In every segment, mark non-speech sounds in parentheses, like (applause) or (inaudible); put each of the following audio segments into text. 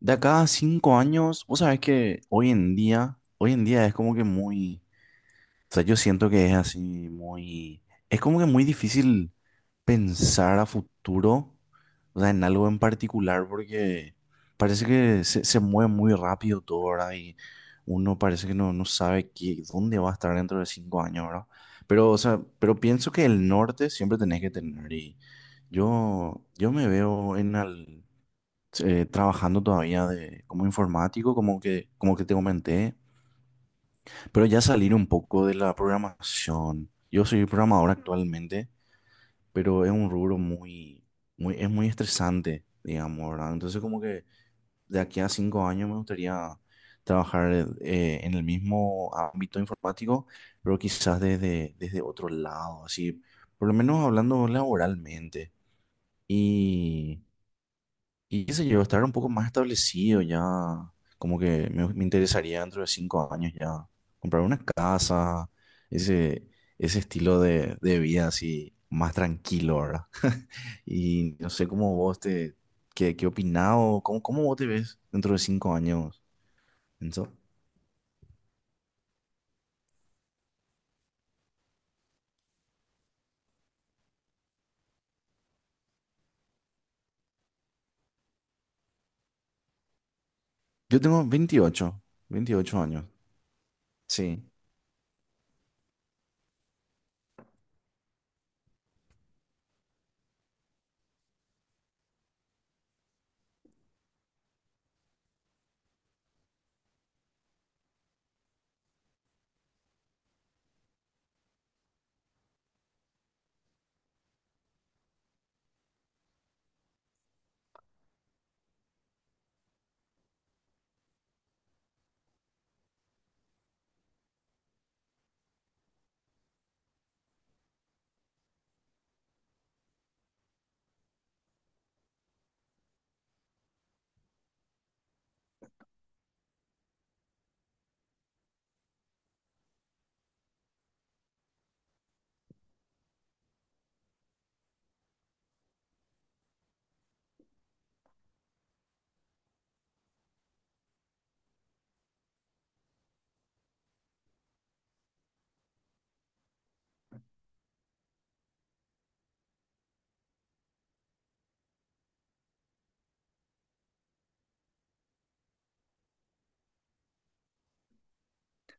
De acá a 5 años, vos sabés que hoy en día es como que o sea, yo siento que es así muy, es como que muy difícil pensar a futuro, o sea, en algo en particular, porque parece que se mueve muy rápido todo, ¿verdad? Y uno parece que no sabe qué, dónde va a estar dentro de 5 años, ¿verdad? Pero, o sea, pero pienso que el norte siempre tenés que tener y yo me veo en al trabajando todavía como informático, como que te comenté, pero ya salir un poco de la programación. Yo soy programador actualmente, pero es un rubro es muy estresante, digamos, ¿verdad? Entonces como que de aquí a 5 años me gustaría trabajar en el mismo ámbito informático, pero quizás desde otro lado, así, por lo menos hablando laboralmente. Y Y qué sé yo, estar un poco más establecido ya, como que me interesaría dentro de 5 años ya comprar una casa, ese, ese estilo de vida así más tranquilo, ¿verdad? (laughs) Y no sé cómo qué opinás o cómo vos te ves dentro de 5 años, Enzo. Yo tengo veintiocho años, sí.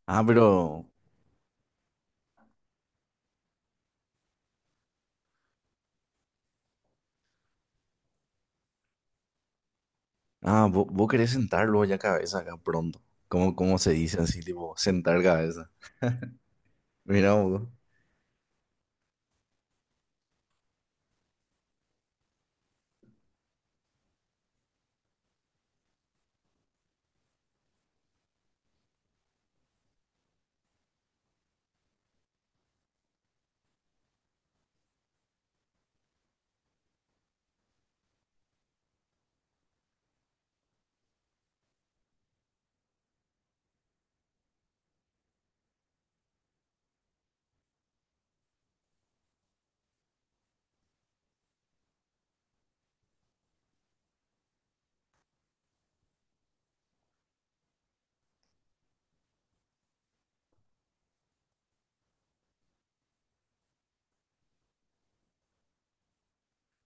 Ah, pero, ah, vos querés sentar luego ya cabeza acá pronto. ¿Cómo se dice así, tipo, sentar cabeza? Mira, vos.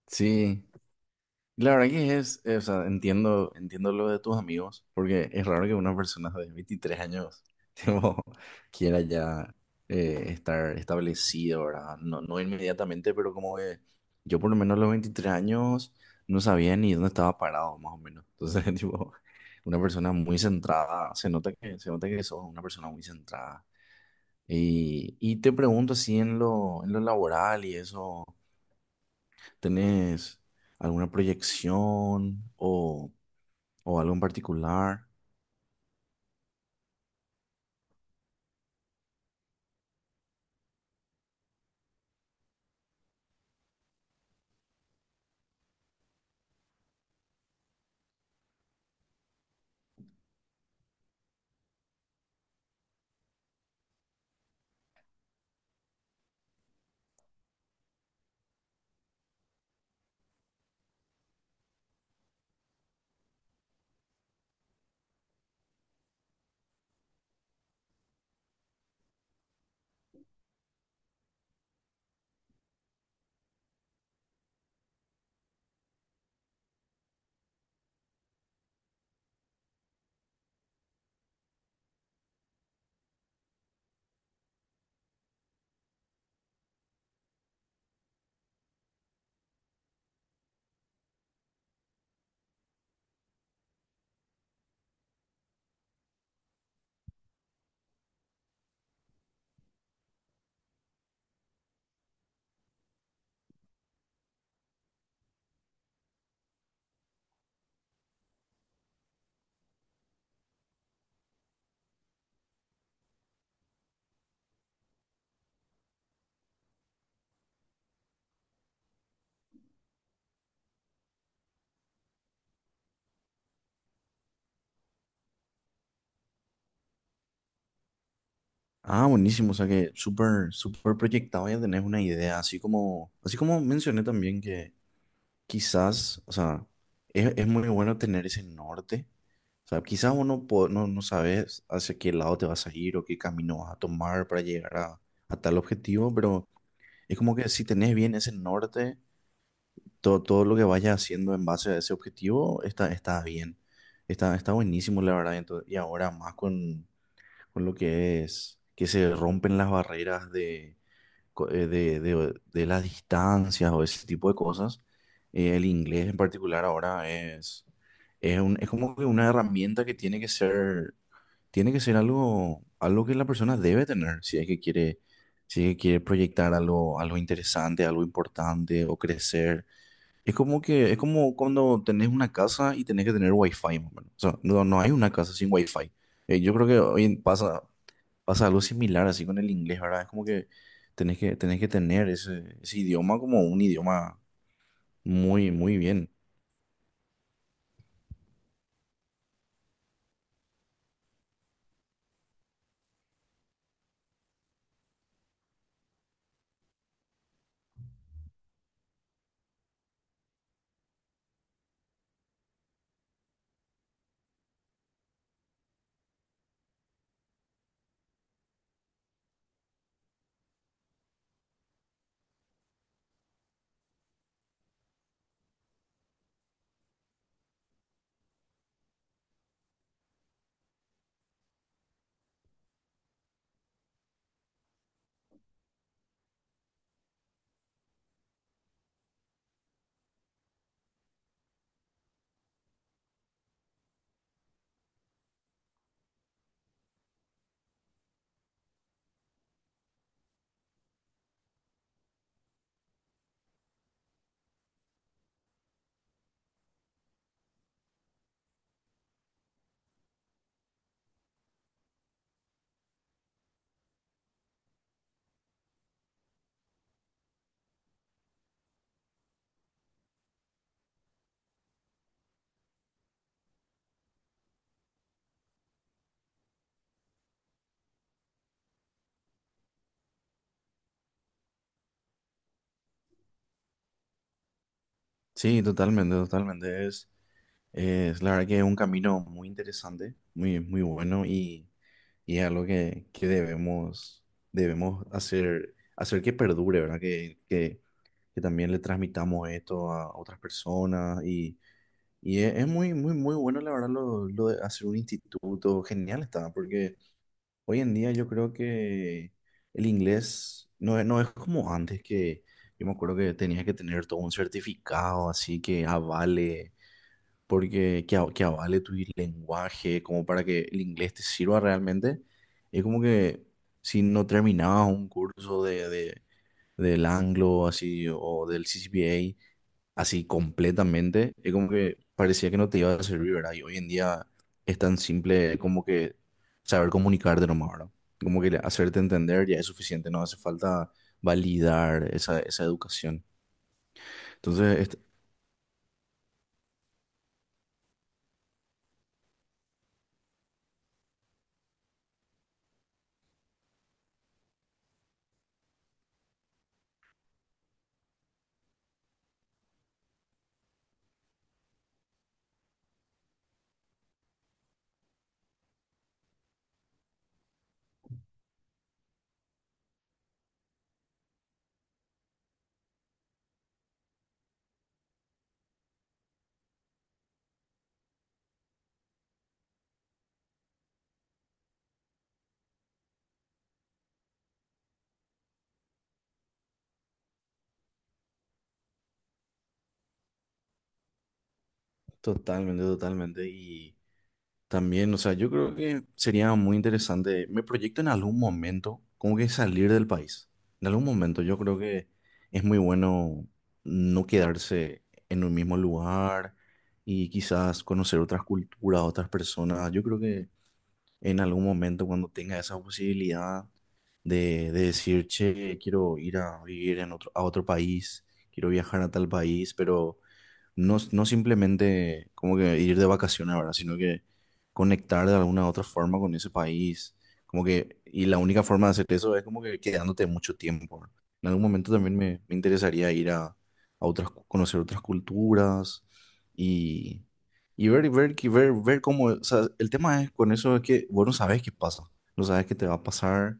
Sí, la verdad que o sea, entiendo lo de tus amigos, porque es raro que una persona de 23 años (laughs) tipo, quiera ya estar establecido, ¿verdad? No, no inmediatamente, pero como que yo por lo menos a los 23 años no sabía ni dónde estaba parado, más o menos. Entonces, (laughs) tipo, una persona muy centrada, se nota que sos una persona muy centrada. Y te pregunto así en lo laboral y eso. ¿Tenés alguna proyección o algo en particular? Ah, buenísimo, o sea que súper, súper proyectado ya tenés una idea, así como mencioné también que quizás, o sea, es muy bueno tener ese norte, o sea, quizás no, no sabes hacia qué lado te vas a ir o qué camino vas a tomar para llegar a tal objetivo, pero es como que si tenés bien ese norte todo lo que vayas haciendo en base a ese objetivo está bien. Está buenísimo, la verdad. Y ahora más con lo que es que se rompen las barreras de, co- de las distancias o ese tipo de cosas. El inglés en particular ahora es como que una herramienta que tiene que ser algo que la persona debe tener si es que quiere proyectar algo interesante, algo importante o crecer. Es como que, es como cuando tenés una casa y tenés que tener wifi, más o menos. O sea, no hay una casa sin wifi. Yo creo que pasa algo similar así con el inglés, ¿verdad? Es como que tenés que tener ese idioma como un idioma muy, muy bien. Sí, totalmente, totalmente. Es la verdad que es un camino muy interesante, muy, muy bueno y es algo que debemos hacer que perdure, ¿verdad? Que también le transmitamos esto a otras personas y es muy, muy, muy bueno, la verdad, lo de hacer un instituto, genial está, porque hoy en día yo creo que el inglés no es como antes que yo me acuerdo que tenías que tener todo un certificado así que avale, porque que avale tu lenguaje, como para que el inglés te sirva realmente. Es como que si no terminabas un curso de del Anglo, así, o del CCPA así completamente, es como que parecía que no te iba a servir, ¿verdad? Y hoy en día es tan simple como que saber comunicarte nomás, ¿verdad? Como que hacerte entender ya es suficiente, no hace falta validar esa educación. Entonces, es totalmente, totalmente, también, o sea, yo creo que sería muy interesante. Me proyecto en algún momento, como que salir del país. En algún momento, yo creo que es muy bueno no quedarse en un mismo lugar y quizás conocer otras culturas, otras personas. Yo creo que en algún momento, cuando tenga esa posibilidad de decir, che, quiero ir a vivir a otro país, quiero viajar a tal país, pero no simplemente como que ir de vacaciones, ¿verdad? Sino que conectar de alguna otra forma con ese país. Como que, y la única forma de hacer eso es como que quedándote mucho tiempo, ¿verdad? En algún momento también me interesaría ir conocer otras culturas y, y ver cómo, o sea, el tema es con eso es que vos no sabes qué pasa, no sabes qué te va a pasar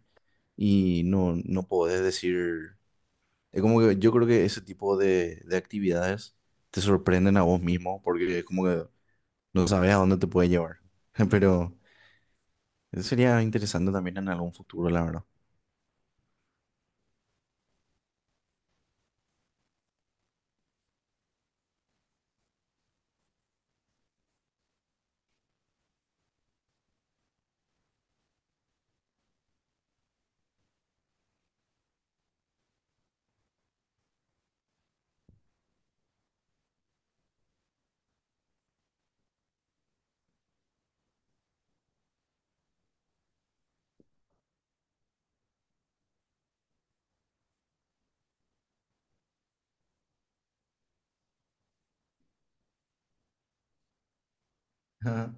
y no podés decir. Es como que yo creo que ese tipo de actividades te sorprenden a vos mismo porque es como que no sabes a dónde te puede llevar. (laughs) Pero eso sería interesante también en algún futuro, la verdad. Ajá.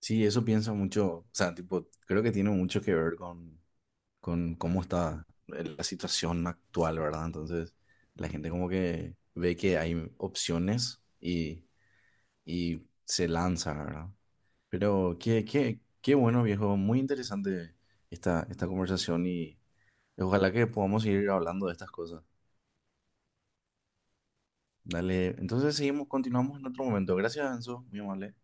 Sí, eso pienso mucho, o sea, tipo, creo que tiene mucho que ver con cómo está la situación actual, ¿verdad? Entonces, la gente como que ve que hay opciones y se lanza, ¿verdad? Pero qué bueno, viejo, muy interesante esta conversación. Ojalá que podamos seguir hablando de estas cosas. Dale, entonces seguimos, continuamos en otro momento. Gracias, Enzo, muy amable.